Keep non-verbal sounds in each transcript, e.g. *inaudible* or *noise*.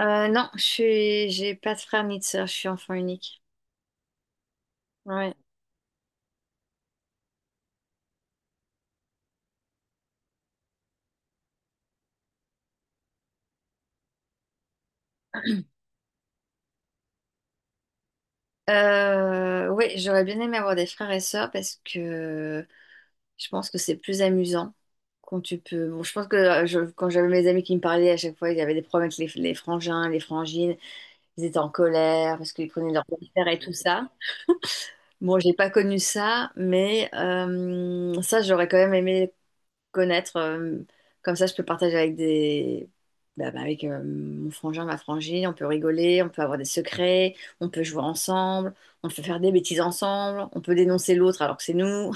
Non, j'ai pas de frère ni de sœur, je suis enfant unique. Ouais. Ouais, j'aurais bien aimé avoir des frères et sœurs parce que je pense que c'est plus amusant quand tu peux. Bon, je pense que quand j'avais mes amis qui me parlaient à chaque fois, il y avait des problèmes avec les frangins, les frangines, ils étaient en colère parce qu'ils prenaient leur père et tout ça. Bon, j'ai pas connu ça, mais ça, j'aurais quand même aimé connaître. Comme ça, je peux partager avec des... bah, bah, avec mon frangin, ma frangine. On peut rigoler, on peut avoir des secrets, on peut jouer ensemble, on peut faire des bêtises ensemble, on peut dénoncer l'autre alors que c'est nous.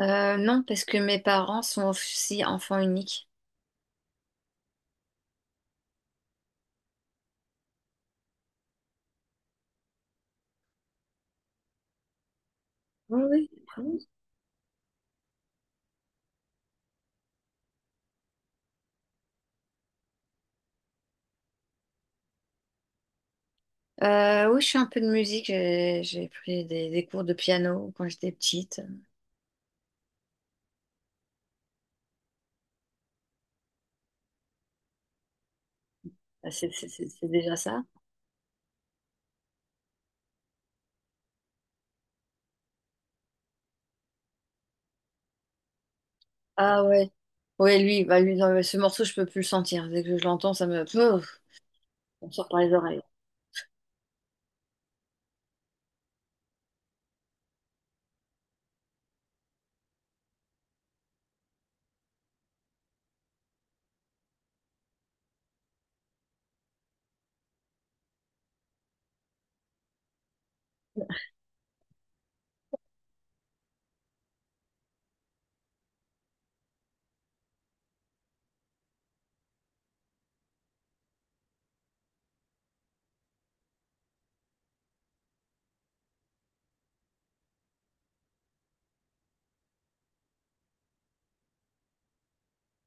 Non, parce que mes parents sont aussi enfants uniques. Oui, oui. Oui. Oui, je fais un peu de musique. J'ai pris des cours de piano quand j'étais petite. Ah, c'est c'est déjà ça. Ah ouais. Ouais, lui, bah lui, non, mais ce morceau, je peux plus le sentir. Dès que je l'entends, ça me... Pouf, on sort par les oreilles.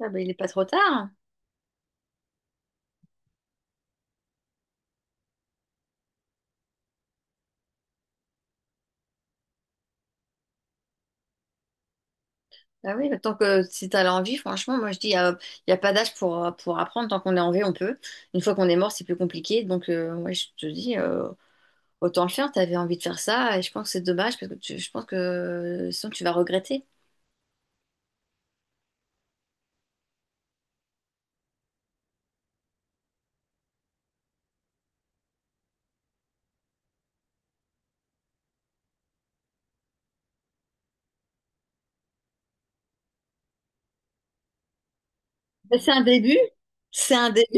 Ah ben, il n'est pas trop tard. Ah oui, bah, tant que si t'as l'envie, franchement, moi je dis, il n'y a, y a pas d'âge pour apprendre. Tant qu'on est en vie, on peut. Une fois qu'on est mort, c'est plus compliqué. Donc, ouais, je te dis, autant le faire. T'avais envie de faire ça. Et je pense que c'est dommage parce que je pense que sinon tu vas regretter. Ben, c'est un début. C'est un début.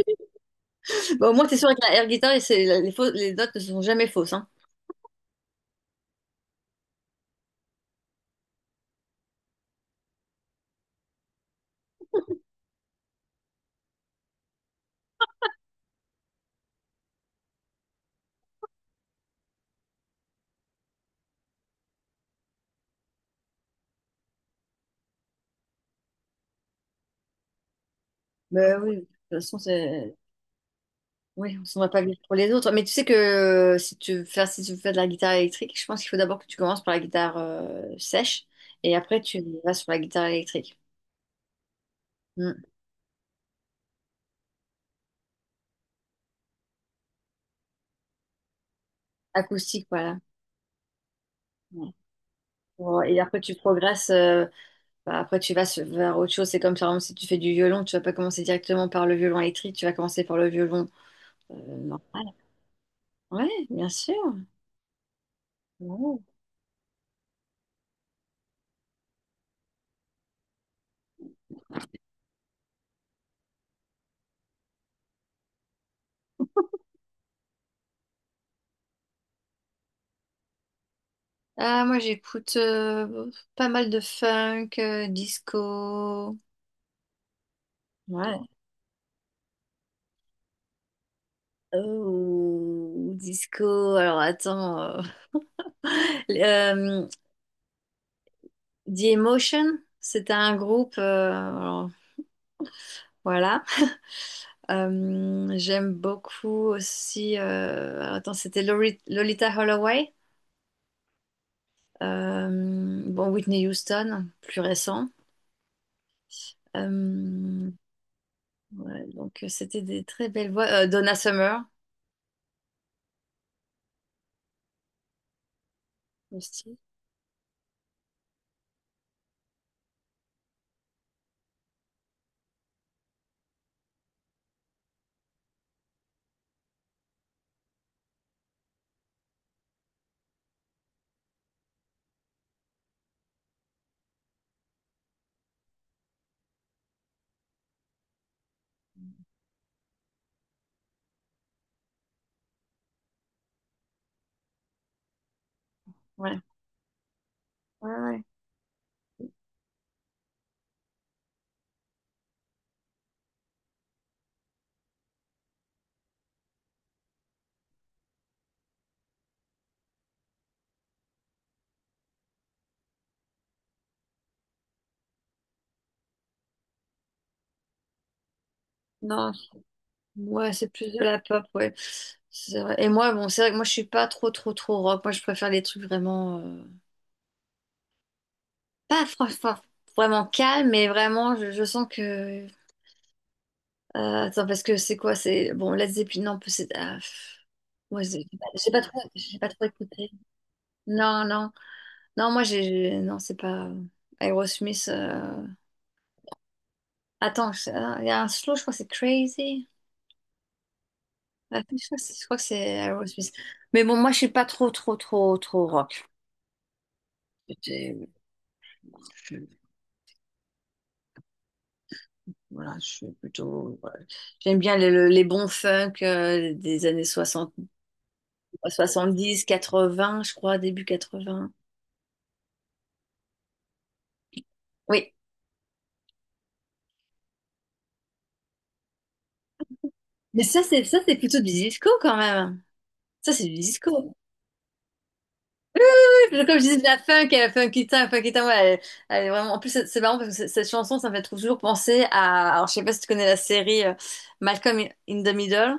Bon, au moins, t'es sûr avec la air guitar, et les, les notes ne sont jamais fausses. Hein. Ben oui, de toute façon, c'est. Oui, on s'en va pas vite pour les autres. Mais tu sais que si tu veux faire, si tu veux faire de la guitare électrique, je pense qu'il faut d'abord que tu commences par la guitare sèche et après tu vas sur la guitare électrique. Hmm. Acoustique, voilà. Ouais. Bon, et après tu progresses, bah, après vers autre chose. C'est comme par exemple si tu fais du violon, tu vas pas commencer directement par le violon électrique, tu vas commencer par le violon normal. Ouais, bien sûr. Ouais. Ah, moi j'écoute pas mal de funk, disco. Ouais. Oh, disco. Alors attends. Euh, The Emotion, c'était un groupe. Alors, voilà. J'aime beaucoup aussi. Alors, attends, c'était Lolita Holloway. Euh, bon, Whitney Houston, plus récent. Euh, ouais, donc c'était des très belles voix. Donna Summer aussi. Ouais. Ouais, ouais. Non, ouais, c'est plus de la pop, ouais. C'est vrai. Et moi, bon, c'est vrai que moi, je suis pas trop, trop, trop rock. Moi, je préfère les trucs vraiment... pas franchement vraiment calme, mais vraiment, je sens que... Attends, parce que c'est quoi? C'est... Bon, Led Zeppelin, non, c'est... ah, pff. Ouais, j'ai pas trop écouté. Non, non. Non, moi, non, c'est pas... Aerosmith... Attends, ah, il y a un slow, je crois que c'est Crazy. Ah, je crois que c'est Aerosmith. Mais bon, moi, je suis pas trop, trop, trop, trop rock. Je, voilà, je suis plutôt. Voilà. J'aime bien les bons funk des années 60 70 80 je crois, début 80. Oui. Mais ça, c'est plutôt du disco quand même. Ça, c'est du disco. Oui, comme je disais, de la funk, funky town, ouais, elle, elle est vraiment. En plus, c'est marrant parce que cette chanson, ça me fait toujours penser à. Alors, je sais pas si tu connais la série Malcolm in the Middle.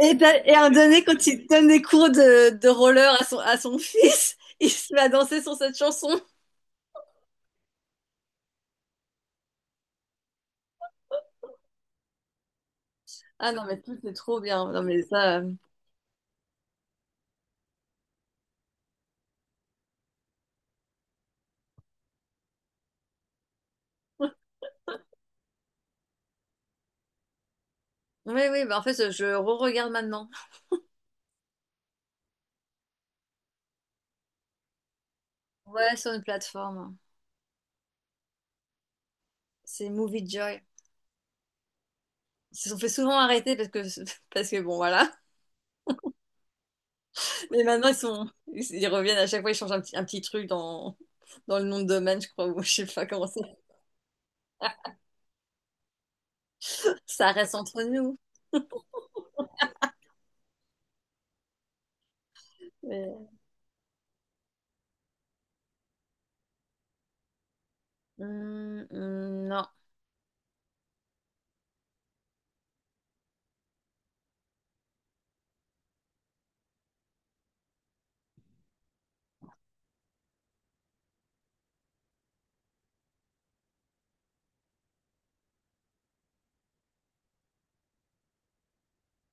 Et, ben, et à un donné, quand il donne des cours de roller à à son fils, *laughs* il se met à danser sur cette chanson. Ah non, mais tout c'est trop bien. Non, mais ça. Oui, oui, bah en fait, je re-regarde maintenant. Ouais, sur une plateforme. C'est Movie Joy. Ils se sont fait souvent arrêter parce que, *laughs* parce que bon, voilà. Mais maintenant, ils sont... ils reviennent à chaque fois, ils changent un petit truc dans... dans le nom de domaine, je crois, ou je sais pas comment ça. *laughs* Ça reste entre nous. Mais... non,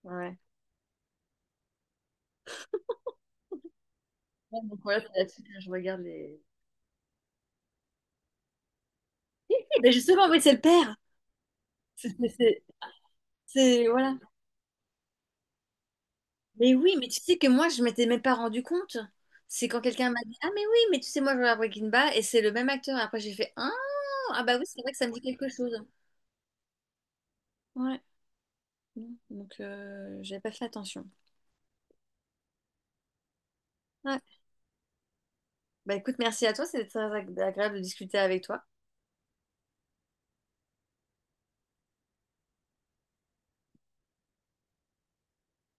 ouais. Ouais, donc voilà, c'est là-dessus que je regarde les. Eh ben justement, oui, c'est le père. C'est, c'est, c'est- c'est- voilà. Mais oui, mais tu sais que moi, je m'étais même pas rendu compte. C'est quand quelqu'un m'a dit, ah, mais oui, mais tu sais, moi, je regarde Breaking Bad et c'est le même acteur. Après, j'ai fait, ah, ah bah oui, c'est vrai que ça me dit quelque chose. Ouais. Donc, j'avais pas fait attention. Ouais. Bah écoute, merci à toi, c'était très agréable de discuter avec toi.